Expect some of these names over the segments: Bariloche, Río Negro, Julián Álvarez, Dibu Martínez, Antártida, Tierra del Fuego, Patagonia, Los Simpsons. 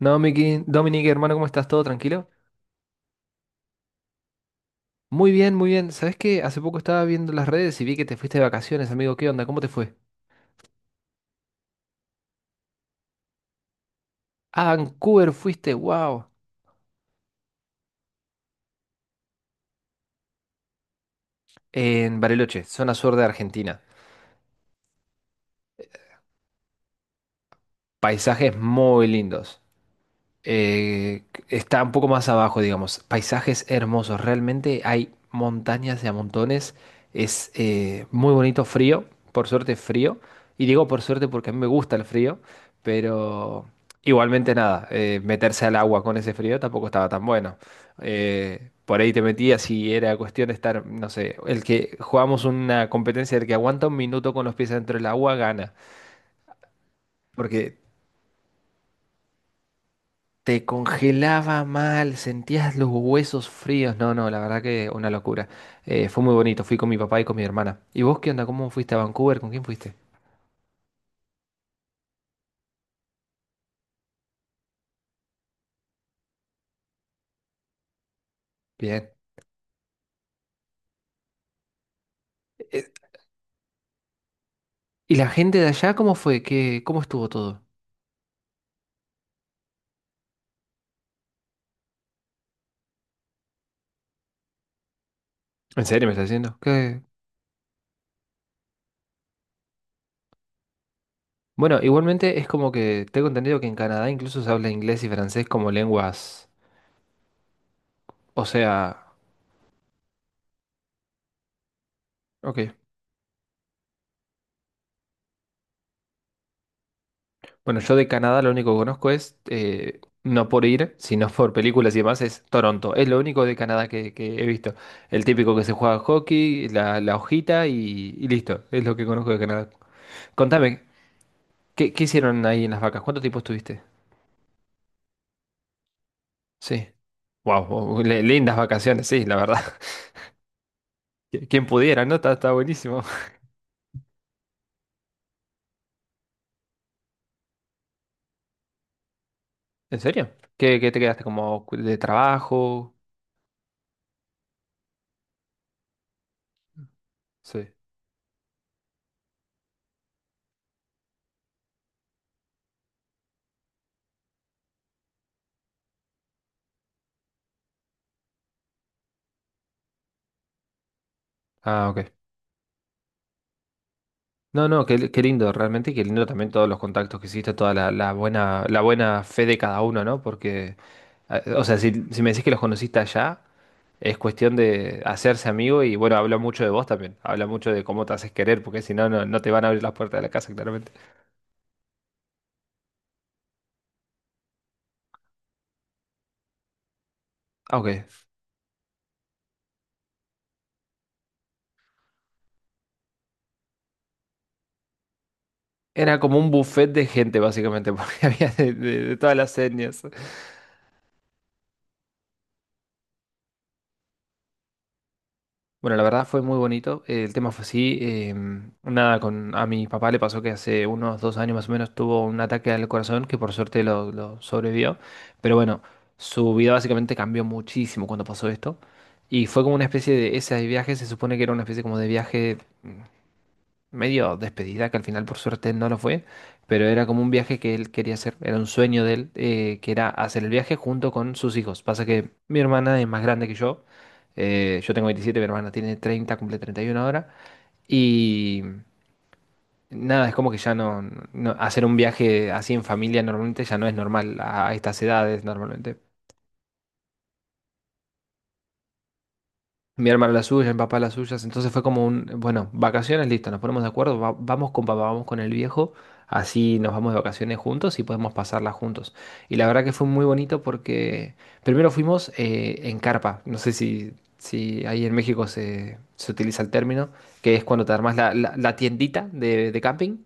No, Miki, Dominique, hermano, ¿cómo estás? ¿Todo tranquilo? Muy bien, muy bien. ¿Sabes qué? Hace poco estaba viendo las redes y vi que te fuiste de vacaciones, amigo. ¿Qué onda? ¿Cómo te fue? A Vancouver fuiste, wow. En Bariloche, zona sur de Argentina. Paisajes muy lindos. Está un poco más abajo, digamos. Paisajes hermosos, realmente hay montañas de a montones. Es muy bonito, frío, por suerte frío. Y digo por suerte porque a mí me gusta el frío, pero igualmente nada, meterse al agua con ese frío tampoco estaba tan bueno. Por ahí te metías y era cuestión de estar, no sé, el que jugamos una competencia del que aguanta un minuto con los pies dentro del agua gana. Porque te congelaba mal, sentías los huesos fríos. No, no, la verdad que una locura. Fue muy bonito, fui con mi papá y con mi hermana. ¿Y vos qué onda? ¿Cómo fuiste a Vancouver? ¿Con quién fuiste? Bien. Eh, ¿Y la gente de allá cómo fue? ¿Qué, cómo estuvo todo? ¿En serio me estás diciendo? ¿Qué? Bueno, igualmente es como que tengo entendido que en Canadá incluso se habla inglés y francés como lenguas. O sea. Ok. Bueno, yo de Canadá lo único que conozco es, no por ir, sino por películas y demás, es Toronto. Es lo único de Canadá que he visto. El típico que se juega hockey, la hojita y listo. Es lo que conozco de Canadá. Contame, ¿qué hicieron ahí en las vacas? ¿Cuánto tiempo estuviste? Sí. Wow, lindas vacaciones, sí, la verdad. Quien pudiera, ¿no? Está buenísimo. ¿En serio? ¿Qué te quedaste como de trabajo? Sí. Ah, ok. No, no, qué lindo, realmente qué lindo también todos los contactos que hiciste, toda la buena fe de cada uno, ¿no? Porque, o sea, si me decís que los conociste allá, es cuestión de hacerse amigo y bueno, habla mucho de vos también, habla mucho de cómo te haces querer, porque si no, no, no te van a abrir las puertas de la casa, claramente. Ah, ok. Era como un buffet de gente, básicamente, porque había de todas las etnias. Bueno, la verdad fue muy bonito. El tema fue así. Nada, a mi papá le pasó que hace unos 2 años más o menos tuvo un ataque al corazón que por suerte lo sobrevivió. Pero bueno, su vida básicamente cambió muchísimo cuando pasó esto. Y fue como una ese viaje se supone que era una especie como de viaje medio despedida, que al final por suerte no lo fue, pero era como un viaje que él quería hacer, era un sueño de él, que era hacer el viaje junto con sus hijos. Pasa que mi hermana es más grande que yo, yo tengo 27, mi hermana tiene 30, cumple 31 ahora, y nada, es como que hacer un viaje así en familia normalmente ya no es normal a estas edades normalmente. Mi hermana las suyas, mi papá las suyas. Entonces fue como un, bueno, vacaciones, listo, nos ponemos de acuerdo, vamos con papá, vamos con el viejo, así nos vamos de vacaciones juntos y podemos pasarlas juntos. Y la verdad que fue muy bonito porque primero fuimos en carpa, no sé si ahí en México se utiliza el término, que es cuando te armas la tiendita de camping,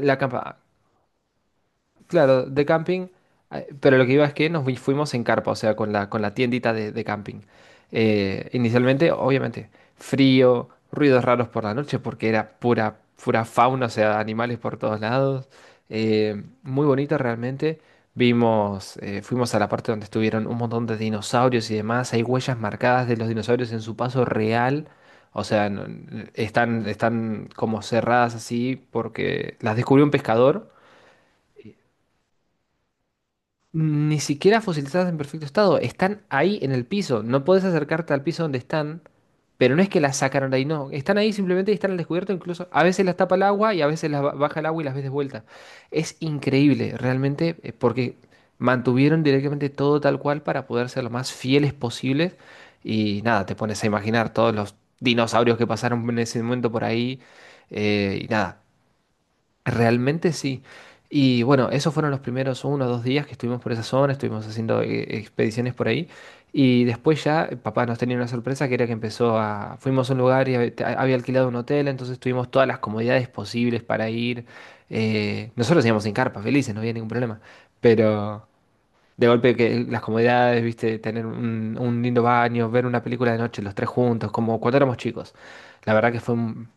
la campa. Claro, de camping, pero lo que iba es que nos fuimos en carpa, o sea, con la tiendita de camping. Inicialmente, obviamente, frío, ruidos raros por la noche, porque era pura, pura fauna, o sea, animales por todos lados. Muy bonito realmente. Fuimos a la parte donde estuvieron un montón de dinosaurios y demás. Hay huellas marcadas de los dinosaurios en su paso real. O sea, están como cerradas así porque las descubrió un pescador. Ni siquiera fosilizadas, en perfecto estado, están ahí en el piso. No puedes acercarte al piso donde están, pero no es que las sacaron de ahí, no. Están ahí simplemente y están al descubierto, incluso a veces las tapa el agua y a veces las baja el agua y las ves de vuelta. Es increíble, realmente, porque mantuvieron directamente todo tal cual para poder ser lo más fieles posibles. Y nada, te pones a imaginar todos los dinosaurios que pasaron en ese momento por ahí. Y nada. Realmente sí. Y bueno, esos fueron los primeros 1 o 2 días que estuvimos por esa zona, estuvimos haciendo expediciones por ahí. Y después ya papá nos tenía una sorpresa que era que Fuimos a un lugar y había alquilado un hotel, entonces tuvimos todas las comodidades posibles para ir. Nosotros íbamos sin carpa, felices, no había ningún problema. Pero de golpe que las comodidades, viste, tener un lindo baño, ver una película de noche los tres juntos, como cuando éramos chicos. La verdad que fue un.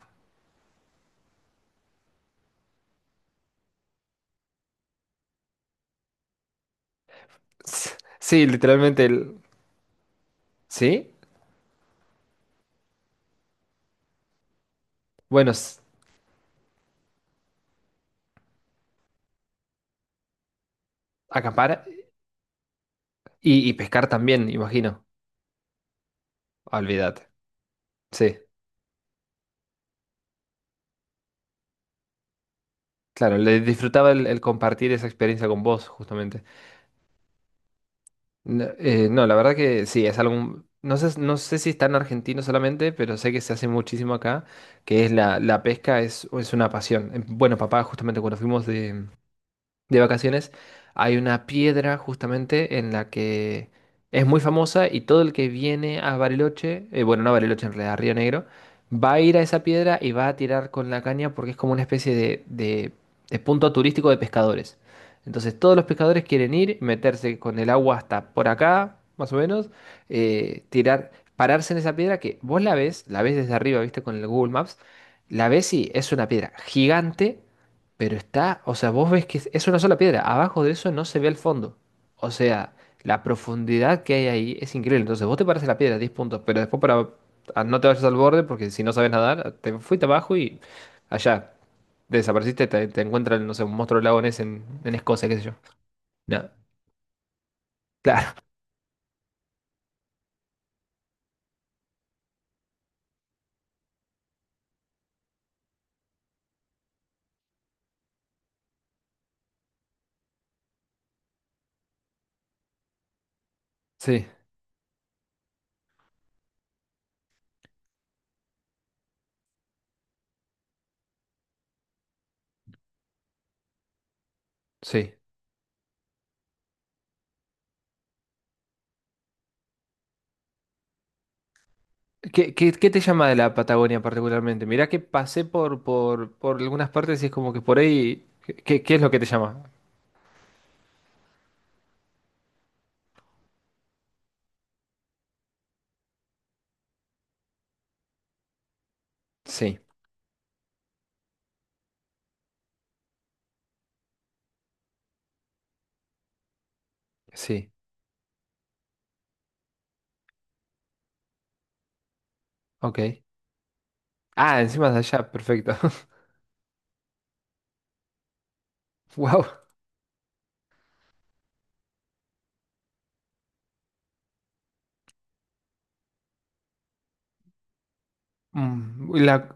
Sí, literalmente. ¿Sí? Bueno, acampar y pescar también, imagino. Olvídate. Sí, claro, le disfrutaba el compartir esa experiencia con vos, justamente. No, no, la verdad que sí, es algo. No sé, no sé si está en Argentina solamente, pero sé que se hace muchísimo acá, que es la pesca, es una pasión. Bueno, papá, justamente cuando fuimos de vacaciones, hay una piedra justamente en la que es muy famosa y todo el que viene a Bariloche, bueno, no a Bariloche en realidad, a Río Negro, va a ir a esa piedra y va a tirar con la caña porque es como una especie de punto turístico de pescadores. Entonces todos los pescadores quieren ir, meterse con el agua hasta por acá, más o menos, tirar, pararse en esa piedra que vos la ves desde arriba, viste, con el Google Maps, la ves y es una piedra gigante, pero está, o sea, vos ves que es una sola piedra. Abajo de eso no se ve el fondo. O sea, la profundidad que hay ahí es increíble. Entonces, vos te paras a la piedra, 10 puntos, pero después para, no te vayas al borde, porque si no sabes nadar, te fuiste abajo y allá desapareciste, te encuentran, no sé, un monstruo lagones en Escocia, qué sé yo. No, claro, sí, sí. ¿Qué te llama de la Patagonia particularmente? Mirá que pasé por algunas partes y es como que por ahí. ¿Qué es lo que te llama? Sí, sí, ok. Ah, encima de allá, perfecto. Wow. la,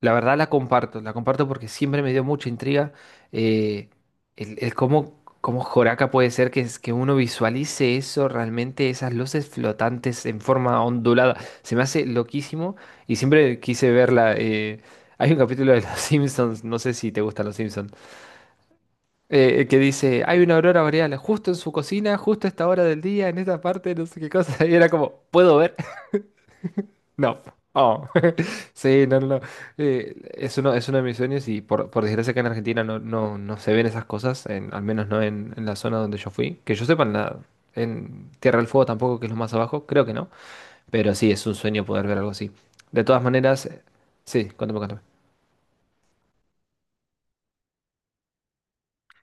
la verdad la comparto porque siempre me dio mucha intriga, eh, el cómo, Joraca puede ser que uno visualice eso, realmente esas luces flotantes en forma ondulada. Se me hace loquísimo y siempre quise verla. Hay un capítulo de Los Simpsons, no sé si te gustan Los Simpsons, que dice, hay una aurora boreal justo en su cocina, justo a esta hora del día, en esta parte, no sé qué cosa. Y era como, ¿puedo ver? No. Oh. Sí, no, no, no. Es uno de mis sueños y por desgracia que en Argentina no, no, no se ven esas cosas, al menos no en la zona donde yo fui. Que yo sepa, en Tierra del Fuego tampoco, que es lo más abajo, creo que no. Pero sí, es un sueño poder ver algo así. De todas maneras, sí, cuéntame, cuéntame.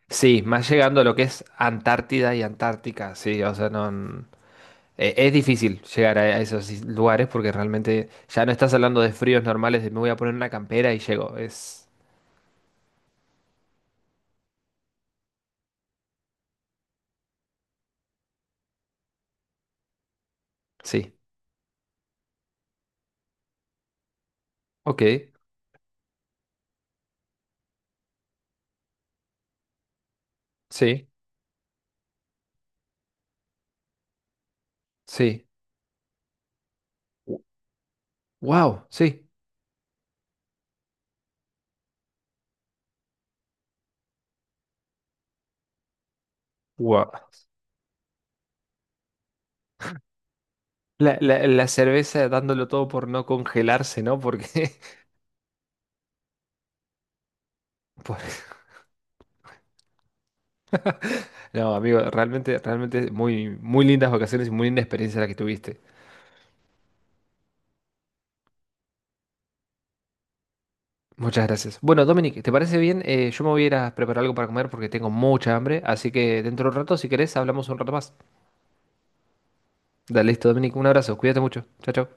Sí, más llegando a lo que es Antártida y Antártica, sí, o sea, no, es difícil llegar a esos lugares porque realmente ya no estás hablando de fríos normales, de me voy a poner una campera y llego, es, sí. Ok, sí, sí. Wow, sí. Wow. La cerveza dándolo todo por no congelarse, ¿no? Porque, por- no, amigo, realmente, realmente muy, muy lindas vacaciones y muy linda experiencia la que tuviste. Muchas gracias. Bueno, Dominic, ¿te parece bien? Yo me voy a ir a preparar algo para comer porque tengo mucha hambre, así que dentro de un rato, si querés, hablamos un rato más. Dale, listo, Dominic, un abrazo, cuídate mucho. Chao, chao.